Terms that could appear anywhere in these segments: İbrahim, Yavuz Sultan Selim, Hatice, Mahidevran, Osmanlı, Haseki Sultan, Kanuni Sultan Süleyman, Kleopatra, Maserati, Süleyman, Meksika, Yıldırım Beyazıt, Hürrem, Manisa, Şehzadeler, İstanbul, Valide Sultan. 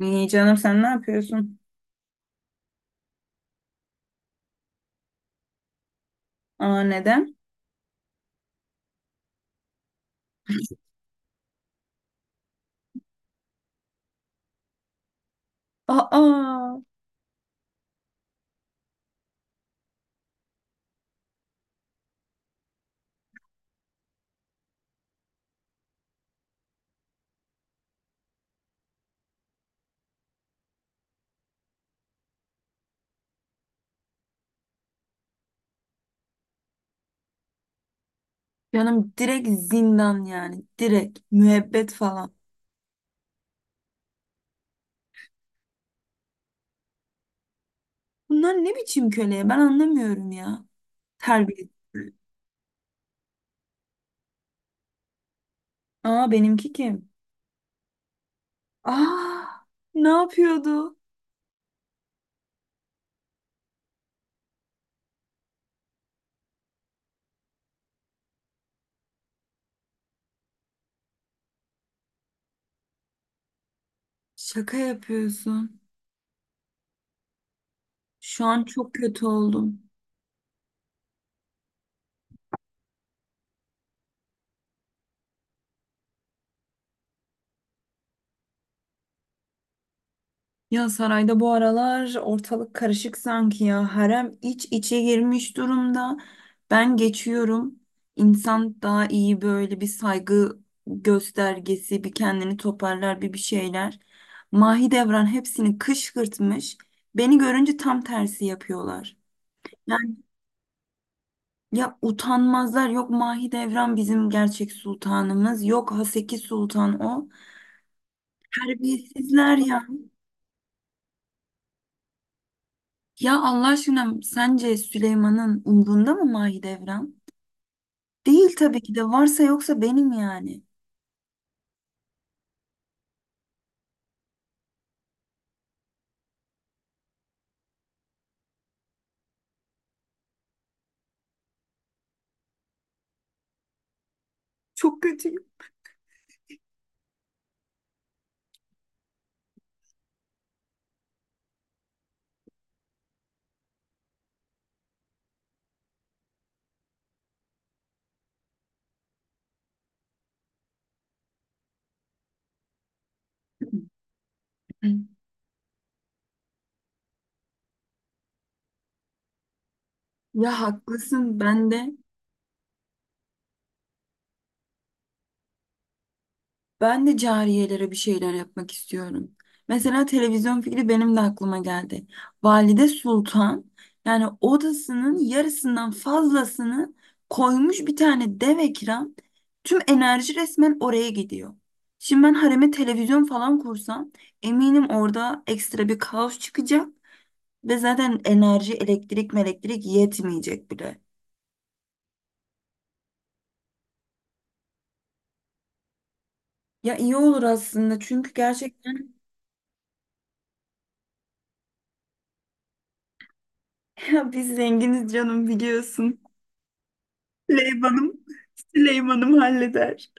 İyi canım, sen ne yapıyorsun? Aa, neden? Aa canım, direkt zindan yani. Direkt müebbet falan. Bunlar ne biçim köleye ben anlamıyorum ya. Terbiye. Aa, benimki kim? Aa, ne yapıyordu? Şaka yapıyorsun. Şu an çok kötü oldum. Ya sarayda bu aralar ortalık karışık sanki ya. Harem iç içe girmiş durumda. Ben geçiyorum. İnsan daha iyi böyle bir saygı göstergesi, bir kendini toparlar, bir şeyler. Mahidevran hepsini kışkırtmış. Beni görünce tam tersi yapıyorlar. Yani ya, utanmazlar. Yok, Mahidevran bizim gerçek sultanımız. Yok, Haseki Sultan o. Terbiyesizler ya. Ya Allah aşkına, sence Süleyman'ın umrunda mı Mahidevran? Değil tabii ki de, varsa yoksa benim yani. Çok kötüyüm. Ya haklısın ben de. Ben de cariyelere bir şeyler yapmak istiyorum. Mesela televizyon fikri benim de aklıma geldi. Valide Sultan yani odasının yarısından fazlasını koymuş bir tane dev ekran. Tüm enerji resmen oraya gidiyor. Şimdi ben hareme televizyon falan kursam eminim orada ekstra bir kaos çıkacak ve zaten enerji, elektrik yetmeyecek bile. Ya iyi olur aslında çünkü gerçekten ya biz zenginiz canım, biliyorsun. Süleyman'ım, Süleyman'ım halleder.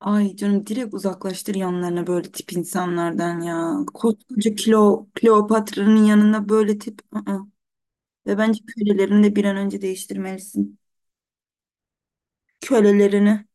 Ay canım, direkt uzaklaştır yanlarına böyle tip insanlardan ya. Koskoca kilo, Kleopatra'nın yanına böyle tip. Ve bence kölelerini de bir an önce değiştirmelisin. Kölelerini.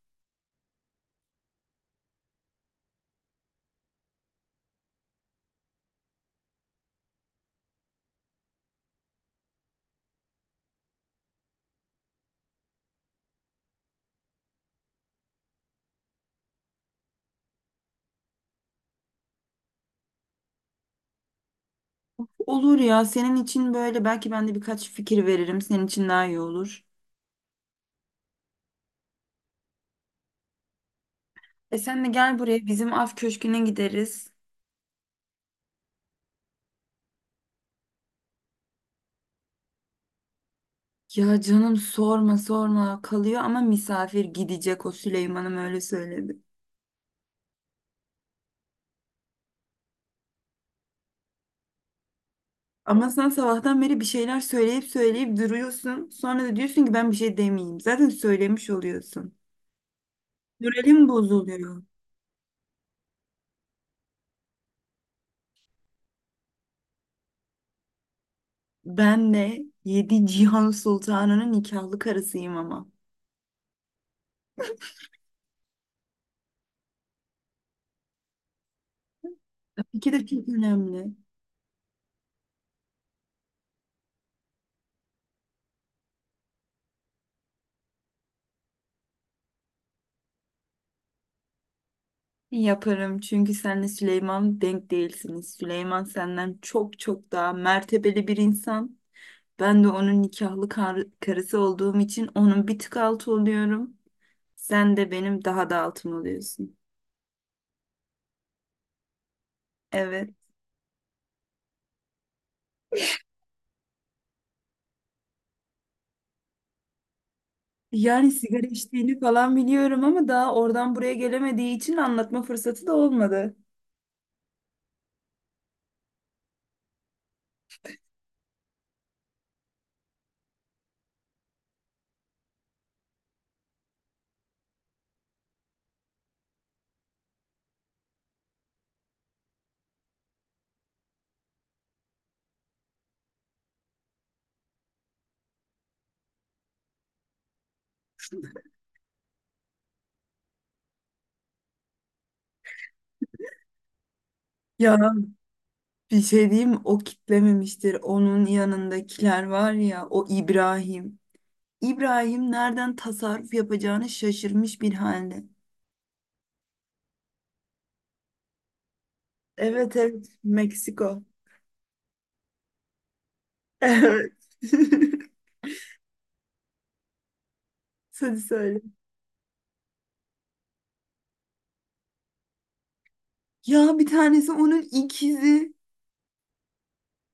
Olur ya, senin için böyle belki ben de birkaç fikir veririm. Senin için daha iyi olur. E sen de gel buraya, bizim af köşküne gideriz. Ya canım, sorma sorma, kalıyor ama misafir, gidecek o. Süleyman'ım öyle söyledi. Ama sen sabahtan beri bir şeyler söyleyip söyleyip duruyorsun. Sonra da diyorsun ki ben bir şey demeyeyim. Zaten söylemiş oluyorsun. Moralim bozuluyor. Ben de yedi Cihan Sultanı'nın nikahlı karısıyım ama. İki de çok önemli. Yaparım, çünkü senle Süleyman denk değilsiniz. Süleyman senden çok çok daha mertebeli bir insan. Ben de onun nikahlı karısı olduğum için onun bir tık altı oluyorum. Sen de benim daha da altım oluyorsun. Evet. Yani sigara içtiğini falan biliyorum ama daha oradan buraya gelemediği için anlatma fırsatı da olmadı. Ya bir şey diyeyim, o kitlememiştir. Onun yanındakiler var ya, o İbrahim. İbrahim nereden tasarruf yapacağını şaşırmış bir halde. Evet evet, Meksiko. Evet. Hadi söyle. Ya bir tanesi onun ikizi.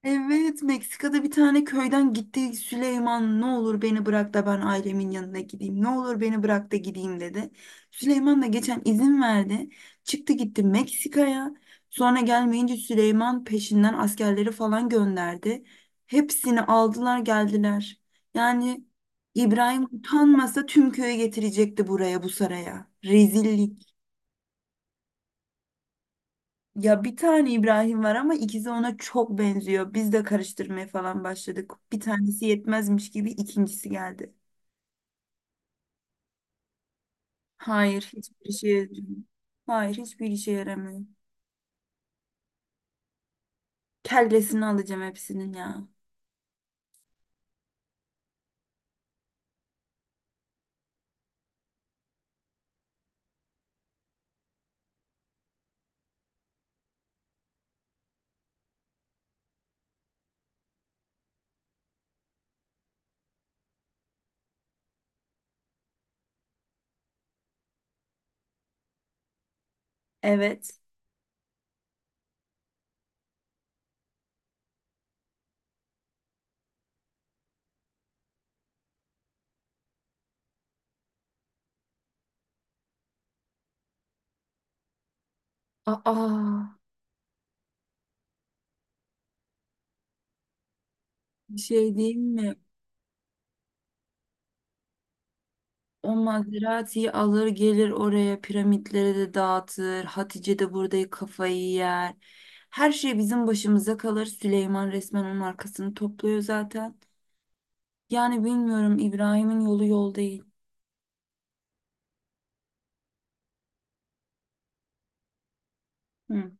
Evet, Meksika'da bir tane köyden gitti. Süleyman, ne olur beni bırak da ben ailemin yanına gideyim, ne olur beni bırak da gideyim dedi. Süleyman da geçen izin verdi. Çıktı gitti Meksika'ya. Sonra gelmeyince Süleyman peşinden askerleri falan gönderdi. Hepsini aldılar geldiler. Yani İbrahim utanmasa tüm köyü getirecekti buraya bu saraya. Rezillik. Ya bir tane İbrahim var ama ikisi ona çok benziyor. Biz de karıştırmaya falan başladık. Bir tanesi yetmezmiş gibi ikincisi geldi. Hayır, hiçbir işe yaramıyor. Hayır, hiçbir işe yaramıyor. Kellesini alacağım hepsinin ya. Evet. Aa, bir şey diyeyim mi? O Maserati'yi alır gelir oraya, piramitlere de dağıtır. Hatice de burada kafayı yer. Her şey bizim başımıza kalır. Süleyman resmen onun arkasını topluyor zaten. Yani bilmiyorum, İbrahim'in yolu yol değil. Hı,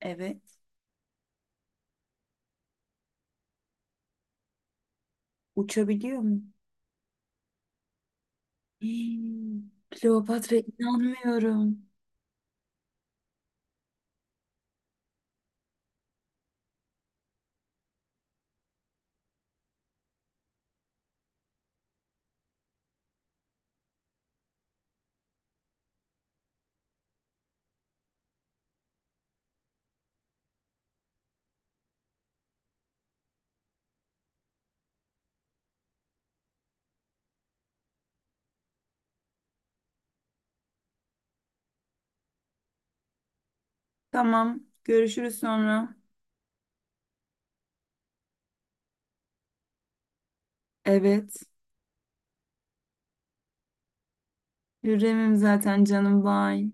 evet. Uçabiliyor mu? Hmm, Kleopatra inanmıyorum. Tamam, görüşürüz sonra. Evet. Hürrem'im zaten canım, bay.